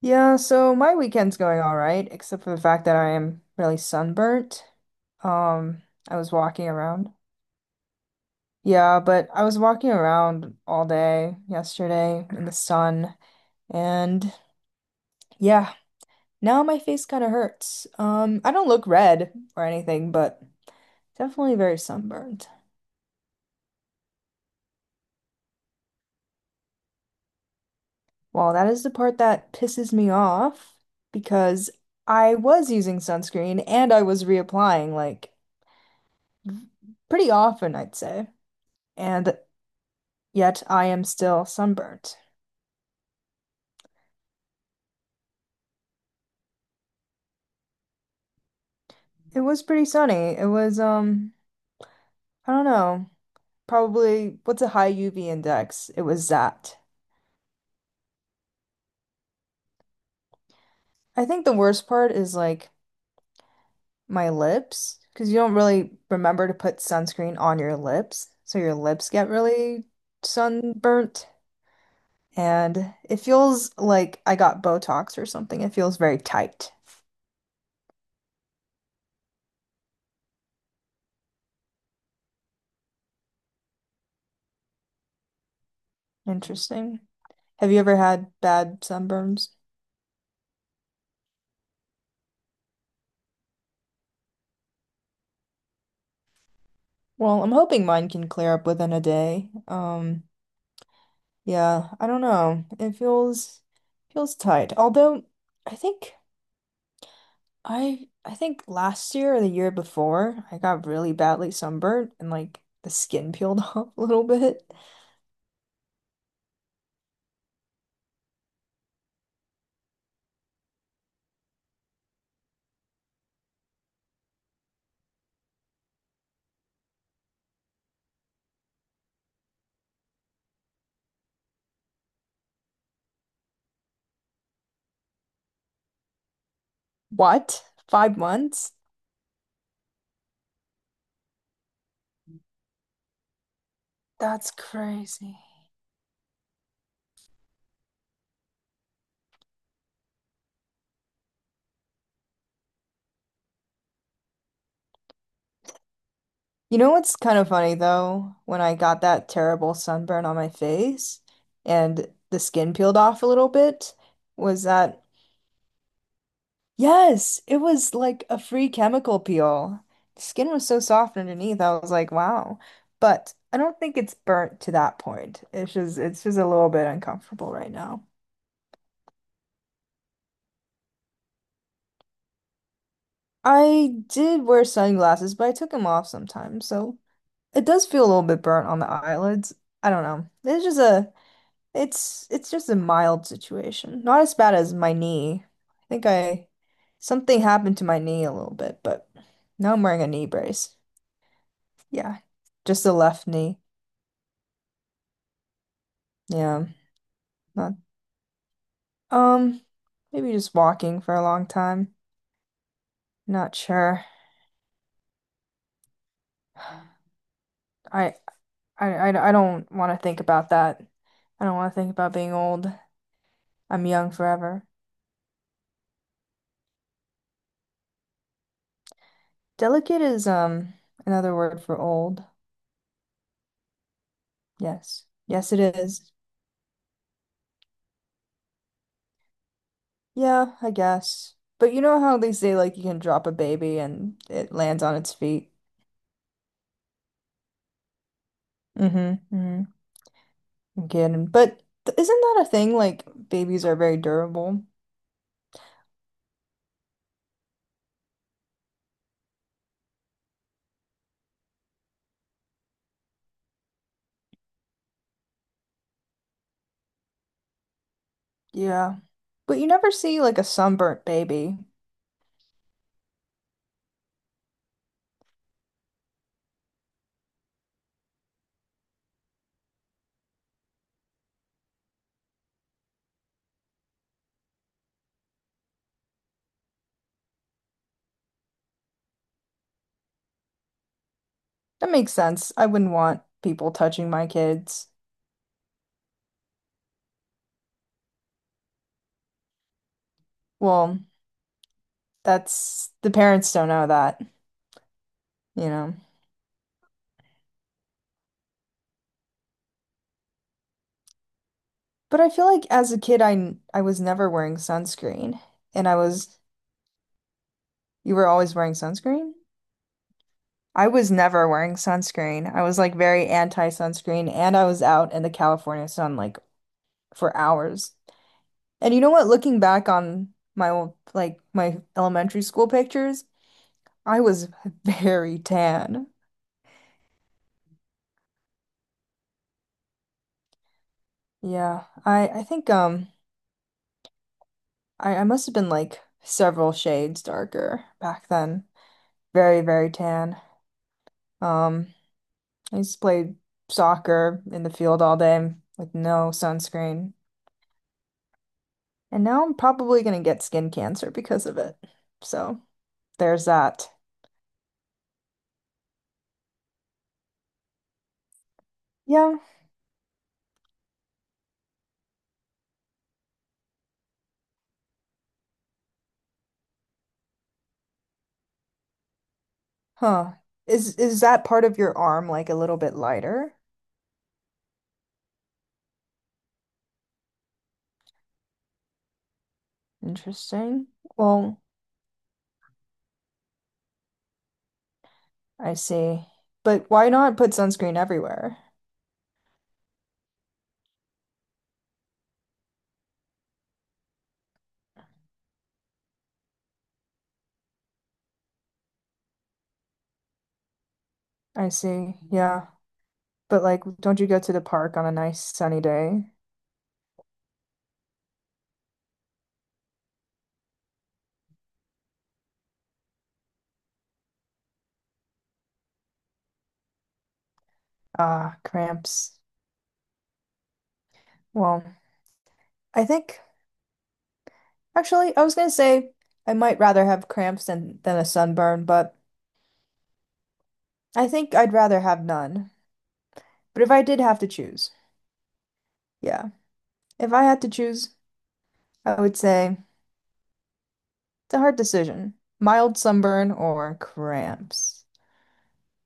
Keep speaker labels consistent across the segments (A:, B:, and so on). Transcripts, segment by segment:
A: Yeah, so my weekend's going all right, except for the fact that I am really sunburnt. Um, I was walking around. Yeah, but I was walking around all day yesterday in the sun, and yeah, now my face kind of hurts. I don't look red or anything, but definitely very sunburned. Well, that is the part that pisses me off because I was using sunscreen and I was reapplying like pretty often, I'd say. And yet I am still sunburnt. It was pretty sunny. It was, I don't know, probably what's a high UV index? It was that. I think the worst part is like my lips, because you don't really remember to put sunscreen on your lips, so your lips get really sunburnt. And it feels like I got Botox or something. It feels very tight. Interesting. Have you ever had bad sunburns? Well, I'm hoping mine can clear up within a day. Yeah, I don't know. It feels tight. Although I think I think last year or the year before, I got really badly sunburned and like the skin peeled off a little bit. What? 5 months? That's crazy. You know what's kind of funny though? When I got that terrible sunburn on my face and the skin peeled off a little bit, was that Yes, it was like a free chemical peel. Skin was so soft underneath. I was like, wow. But I don't think it's burnt to that point. It's just a little bit uncomfortable right now. I did wear sunglasses, but I took them off sometimes, so it does feel a little bit burnt on the eyelids. I don't know. It's just a mild situation. Not as bad as my knee. I think I something happened to my knee a little bit, but now I'm wearing a knee brace. Yeah, just the left knee. Yeah, not um, maybe just walking for a long time. Not sure. I I don't want to think about that. I don't want to think about being old. I'm young forever. Delicate is another word for old. Yes. Yes, it is. Yeah, I guess. But you know how they say like you can drop a baby and it lands on its feet. Mm-hmm. Mm-hmm. i But isn't that a thing? Like babies are very durable. Yeah. But you never see like a sunburnt baby. That makes sense. I wouldn't want people touching my kids. Well, that's the parents don't know that, you know. But I feel like as a kid, I was never wearing sunscreen, and I was you were always wearing sunscreen? I was never wearing sunscreen. I was like very anti-sunscreen, and I was out in the California sun like for hours. And you know what? Looking back on my old like my elementary school pictures, I was very tan. Yeah, I think I must have been like several shades darker back then. Very, very tan. Um, I used to play soccer in the field all day with no sunscreen. And now I'm probably gonna get skin cancer because of it. So there's that. Yeah. Huh. Is that part of your arm like a little bit lighter? Interesting. Well, I see. But why not put sunscreen everywhere? I see. Yeah. But like, don't you go to the park on a nice sunny day? Ah, cramps. Well, I think actually, I was gonna say I might rather have cramps than a sunburn, but I think I'd rather have none. But if I did have to choose, yeah, if I had to choose, I would say it's a hard decision. Mild sunburn or cramps.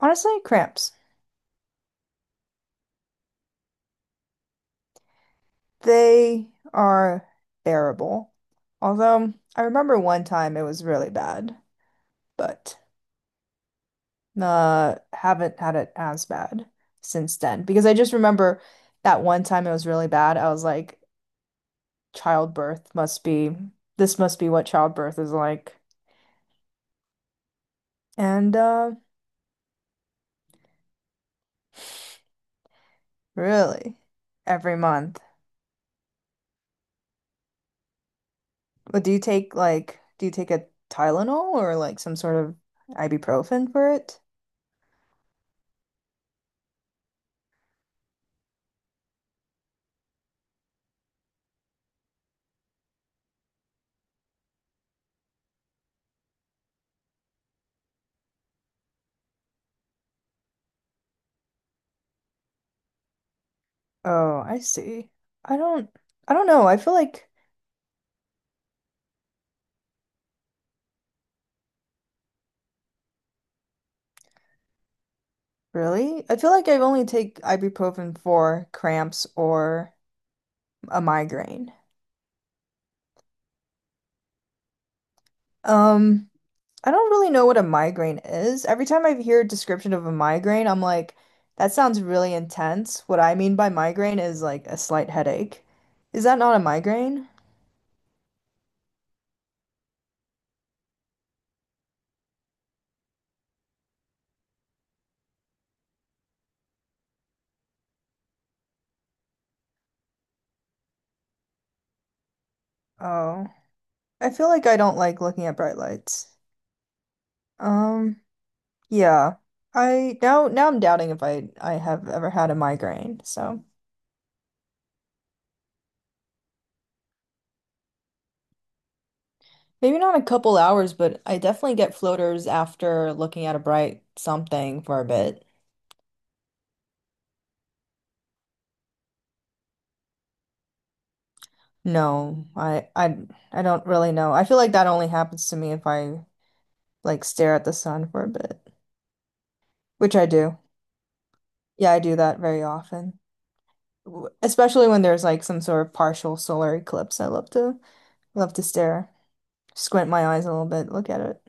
A: Honestly, cramps. They are bearable. Although I remember one time it was really bad, but. Haven't had it as bad since then because I just remember that one time it was really bad. I was like, childbirth must be, this must be what childbirth is like. And really, every month. But do you take like, do you take a Tylenol or like some sort of ibuprofen for it? Oh, I see. I don't, I don't know. I feel like. Really? I feel like I only take ibuprofen for cramps or a migraine. Um, I don't really know what a migraine is. Every time I hear a description of a migraine, I'm like, that sounds really intense. What I mean by migraine is like a slight headache. Is that not a migraine? Oh, I feel like I don't like looking at bright lights. Um, yeah. I now now I'm doubting if I have ever had a migraine, so. Maybe not a couple hours, but I definitely get floaters after looking at a bright something for a bit. No, I I I don't really know. I feel like that only happens to me if I like stare at the sun for a bit, which I do. Yeah, I do that very often. Especially when there's like some sort of partial solar eclipse. I love to stare, squint my eyes a little bit, look at it.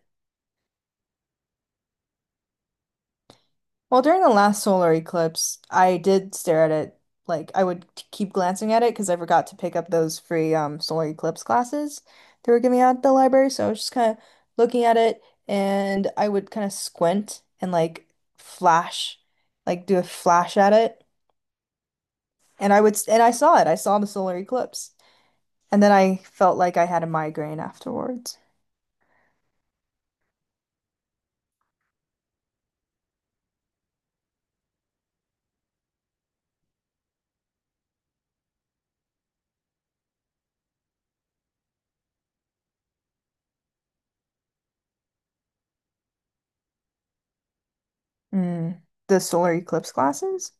A: Well, during the last solar eclipse, I did stare at it. Like I would keep glancing at it because I forgot to pick up those free solar eclipse classes they were giving out at the library. So I was just kind of looking at it and I would kind of squint and like flash, like do a flash at it. And I would and I saw it. I saw the solar eclipse. And then I felt like I had a migraine afterwards. Mm, the solar eclipse glasses?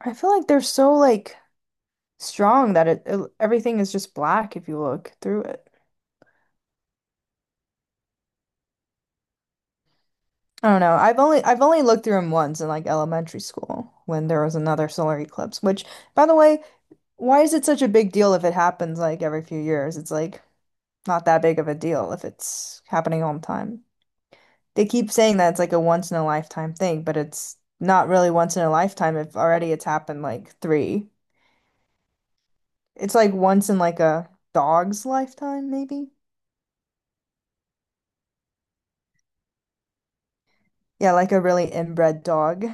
A: I feel like they're so like strong that it everything is just black if you look through it. I don't know. I've only looked through them once in like elementary school when there was another solar eclipse, which by the way, why is it such a big deal if it happens like every few years? It's like not that big of a deal if it's happening all the time. They keep saying that it's like a once in a lifetime thing, but it's not really once in a lifetime if already it's happened like three. It's like once in like a dog's lifetime, maybe? Yeah, like a really inbred dog.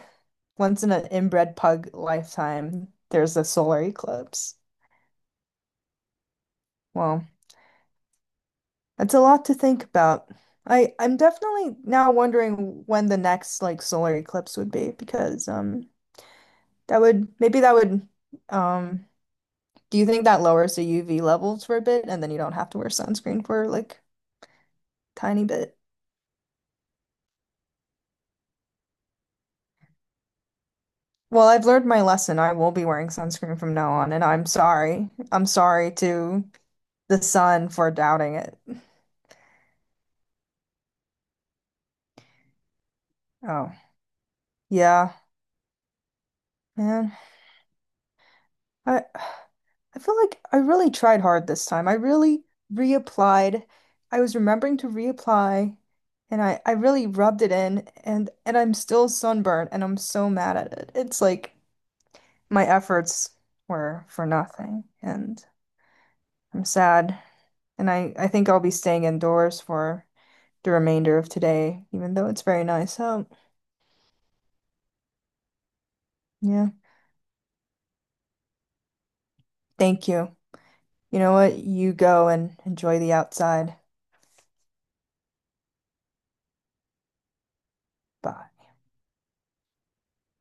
A: Once in an inbred pug lifetime, there's a solar eclipse. Well, that's a lot to think about. I'm definitely now wondering when the next like solar eclipse would be because that would maybe that would um Do you think that lowers the UV levels for a bit and then you don't have to wear sunscreen for like tiny bit? Well, I've learned my lesson. I will be wearing sunscreen from now on, and I'm sorry. I'm sorry to the sun for doubting it. Oh, yeah, man. I I feel like I really tried hard this time. I really reapplied. I was remembering to reapply, and I really rubbed it in, and I'm still sunburned, and I'm so mad at it. It's like my efforts were for nothing, and I'm sad, and I think I'll be staying indoors for the remainder of today, even though it's very nice So Yeah. Thank you. You know what? You go and enjoy the outside. Bye.